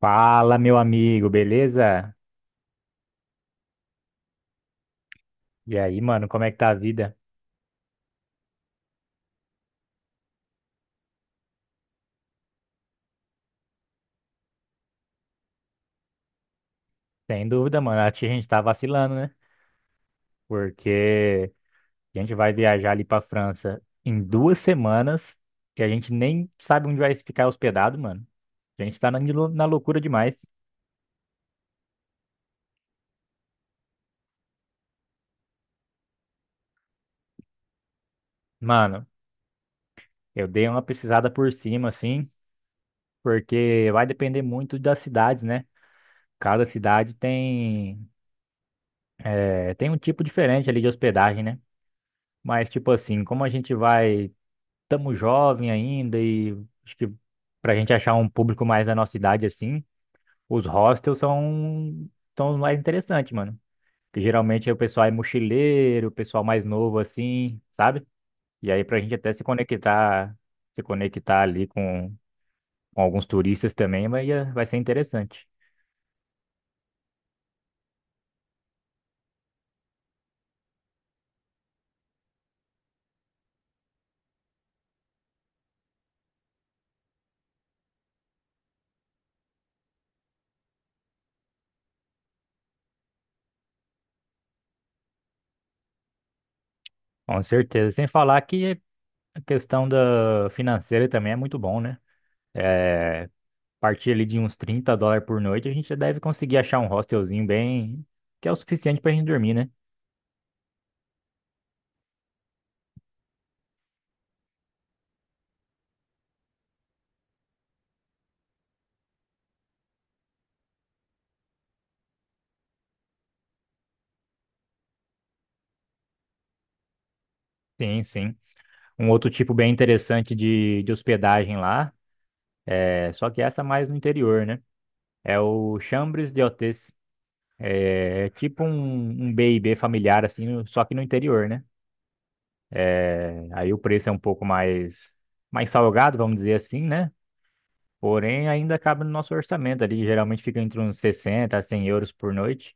Fala, meu amigo, beleza? E aí, mano, como é que tá a vida? Sem dúvida, mano, acho que a gente tá vacilando, né? Porque a gente vai viajar ali pra França em 2 semanas e a gente nem sabe onde vai ficar hospedado, mano. A gente tá na loucura demais. Mano, eu dei uma pesquisada por cima, assim, porque vai depender muito das cidades, né? Cada cidade tem um tipo diferente ali de hospedagem, né? Mas, tipo assim, como a gente vai. Estamos jovem ainda e acho que pra gente achar um público mais da nossa idade assim, os são os mais interessantes, mano. Porque geralmente é o pessoal é mochileiro, o pessoal mais novo assim, sabe? E aí pra gente até se conectar ali com alguns turistas também, vai ser interessante. Com certeza. Sem falar que a questão da financeira também é muito bom, né? É, partir ali de uns 30 dólares por noite, a gente já deve conseguir achar um hostelzinho bem, que é o suficiente pra gente dormir, né? Sim, sim. Um outro tipo bem interessante de hospedagem lá, é, só que essa é mais no interior, né? É o Chambres de Hôtes. É tipo um b e b familiar, assim, no- só que no interior, né? É, aí o preço é um pouco mais, mais salgado, vamos dizer assim, né? Porém, ainda cabe no nosso orçamento ali. Geralmente fica entre uns 60 a 100 euros por noite.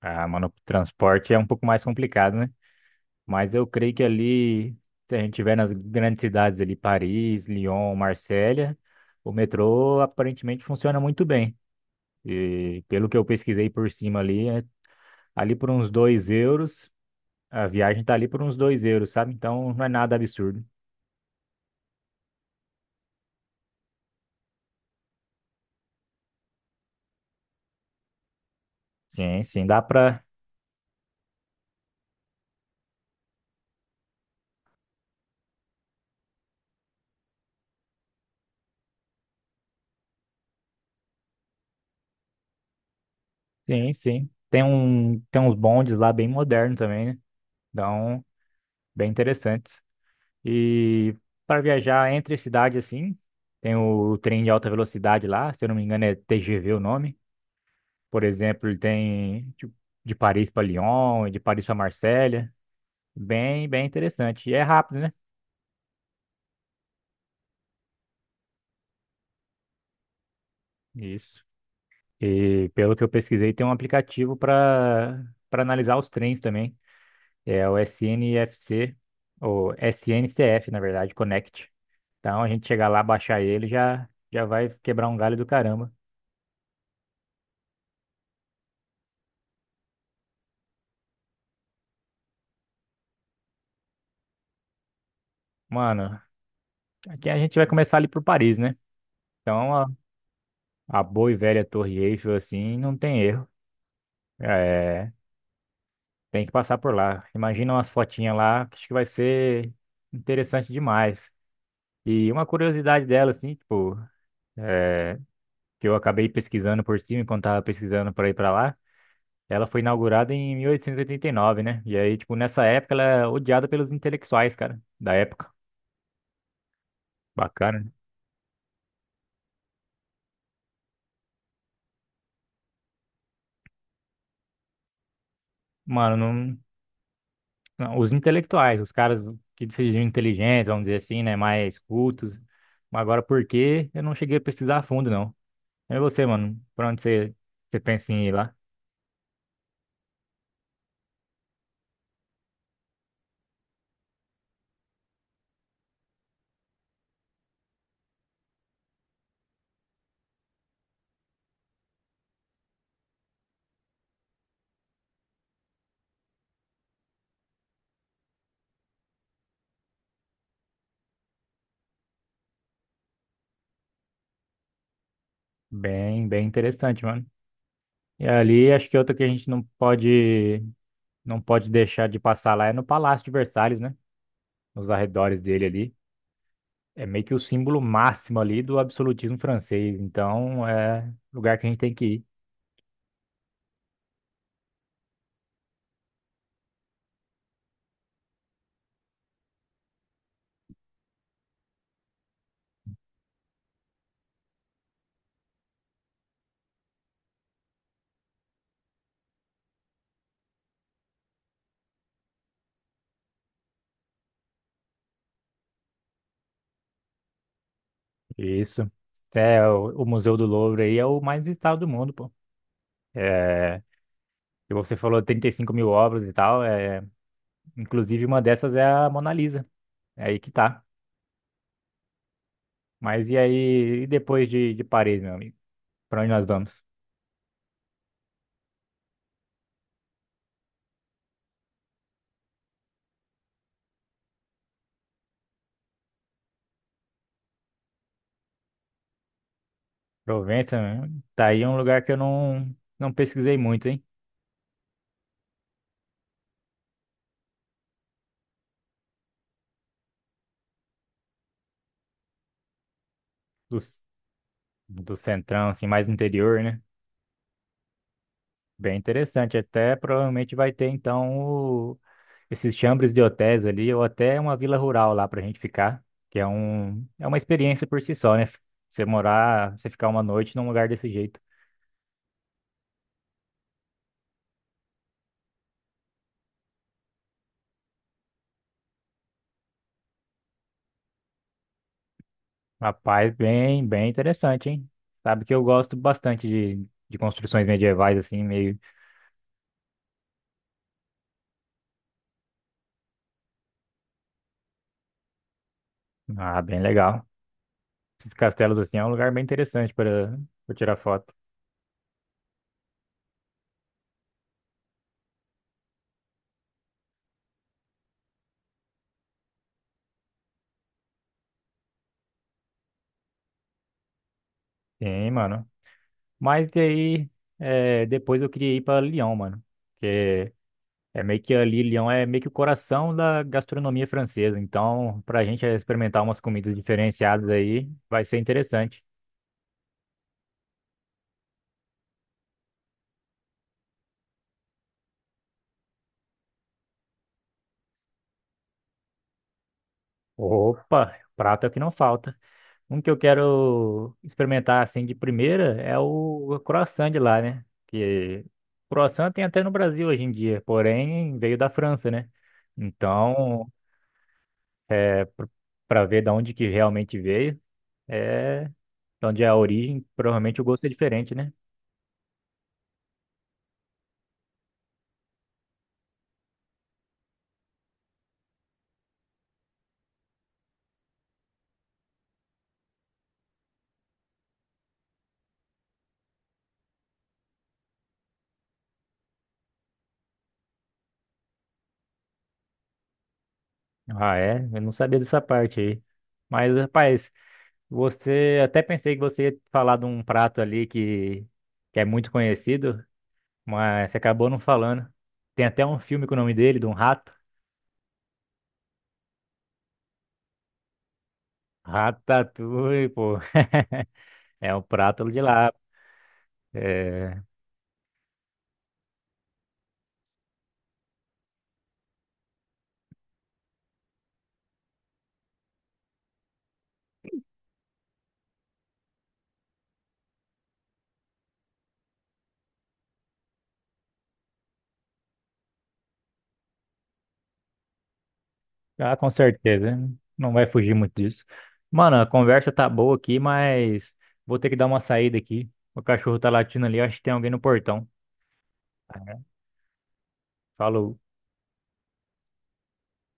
Ah, mano, o transporte é um pouco mais complicado, né? Mas eu creio que ali, se a gente tiver nas grandes cidades ali, Paris, Lyon, Marsella, o metrô aparentemente funciona muito bem. E pelo que eu pesquisei por cima ali, é- ali por uns 2 euros, a viagem tá ali por uns 2 euros, sabe? Então não é nada absurdo. Sim, sim, dá pra. Sim, sim. Tem um, tem uns bondes lá bem modernos também, né? Então, bem interessantes. E para viajar entre cidades assim, tem o trem de alta velocidade lá, se eu não me engano é TGV o nome. Por exemplo, ele tem de Paris para Lyon, e de Paris para Marselha. Bem, bem interessante. E é rápido, né? Isso. E pelo que eu pesquisei, tem um aplicativo para analisar os trens também. É o SNFC, ou SNCF, na verdade, Connect. Então a gente chegar lá, baixar ele, já já vai quebrar um galho do caramba. Mano, aqui a gente vai começar ali por Paris, né? Então a boa e velha Torre Eiffel, assim, não tem erro. É, tem que passar por lá. Imagina umas fotinhas lá, que acho que vai ser interessante demais. E uma curiosidade dela, assim, tipo, é, que eu acabei pesquisando por cima enquanto tava pesquisando para ir para lá, ela foi inaugurada em 1889, né? E aí, tipo, nessa época ela é odiada pelos intelectuais, cara, da época. Bacana, né? Mano, não. Não, os intelectuais, os caras que se diziam inteligentes, vamos dizer assim, né? Mais cultos. Mas agora, por quê? Eu não cheguei a pesquisar a fundo, não. É você, mano. Pra onde você pensa em ir lá? Bem, bem interessante, mano. E ali, acho que outra que a gente não pode deixar de passar lá é no Palácio de Versalhes, né? Nos arredores dele ali. É meio que o símbolo máximo ali do absolutismo francês. Então, é lugar que a gente tem que ir. Isso. É, o Museu do Louvre aí é o mais visitado do mundo, pô. É, e você falou 35 mil obras e tal, é, inclusive uma dessas é a Mona Lisa. É aí que tá. Mas e aí, e depois de Paris, meu amigo? Pra onde nós vamos? Provença, né? Tá aí um lugar que eu não, não pesquisei muito, hein? Do, c- do centrão, assim, mais no interior, né? Bem interessante. Até provavelmente vai ter, então, o- esses chambres de hotéis ali, ou até uma vila rural lá pra gente ficar, que é é uma experiência por si só, né? Você morar, você ficar uma noite num lugar desse jeito. Rapaz, bem, bem interessante, hein? Sabe que eu gosto bastante de construções medievais, assim, meio. Ah, bem legal. Esses castelos, assim, é um lugar bem interessante para tirar foto. Sim, mano. Mas e aí, é, depois eu queria ir para Lyon, mano. Porque é meio que ali, Lyon é meio que o coração da gastronomia francesa. Então, pra gente experimentar umas comidas diferenciadas aí, vai ser interessante. Opa, prato é o que não falta. Um que eu quero experimentar assim de primeira é o croissant de lá, né? Que croissant tem até no Brasil hoje em dia, porém veio da França, né? Então, é para ver da onde que realmente veio, é de onde é a origem, provavelmente o gosto é diferente, né? Ah, é? Eu não sabia dessa parte aí. Mas, rapaz, você até pensei que você ia falar de um prato ali que é muito conhecido, mas você acabou não falando. Tem até um filme com o nome dele, de um rato. Ratatouille, pô. É um prato de lá. É... Ah, com certeza, né? Não vai fugir muito disso. Mano, a conversa tá boa aqui, mas vou ter que dar uma saída aqui. O cachorro tá latindo ali, acho que tem alguém no portão. Falou.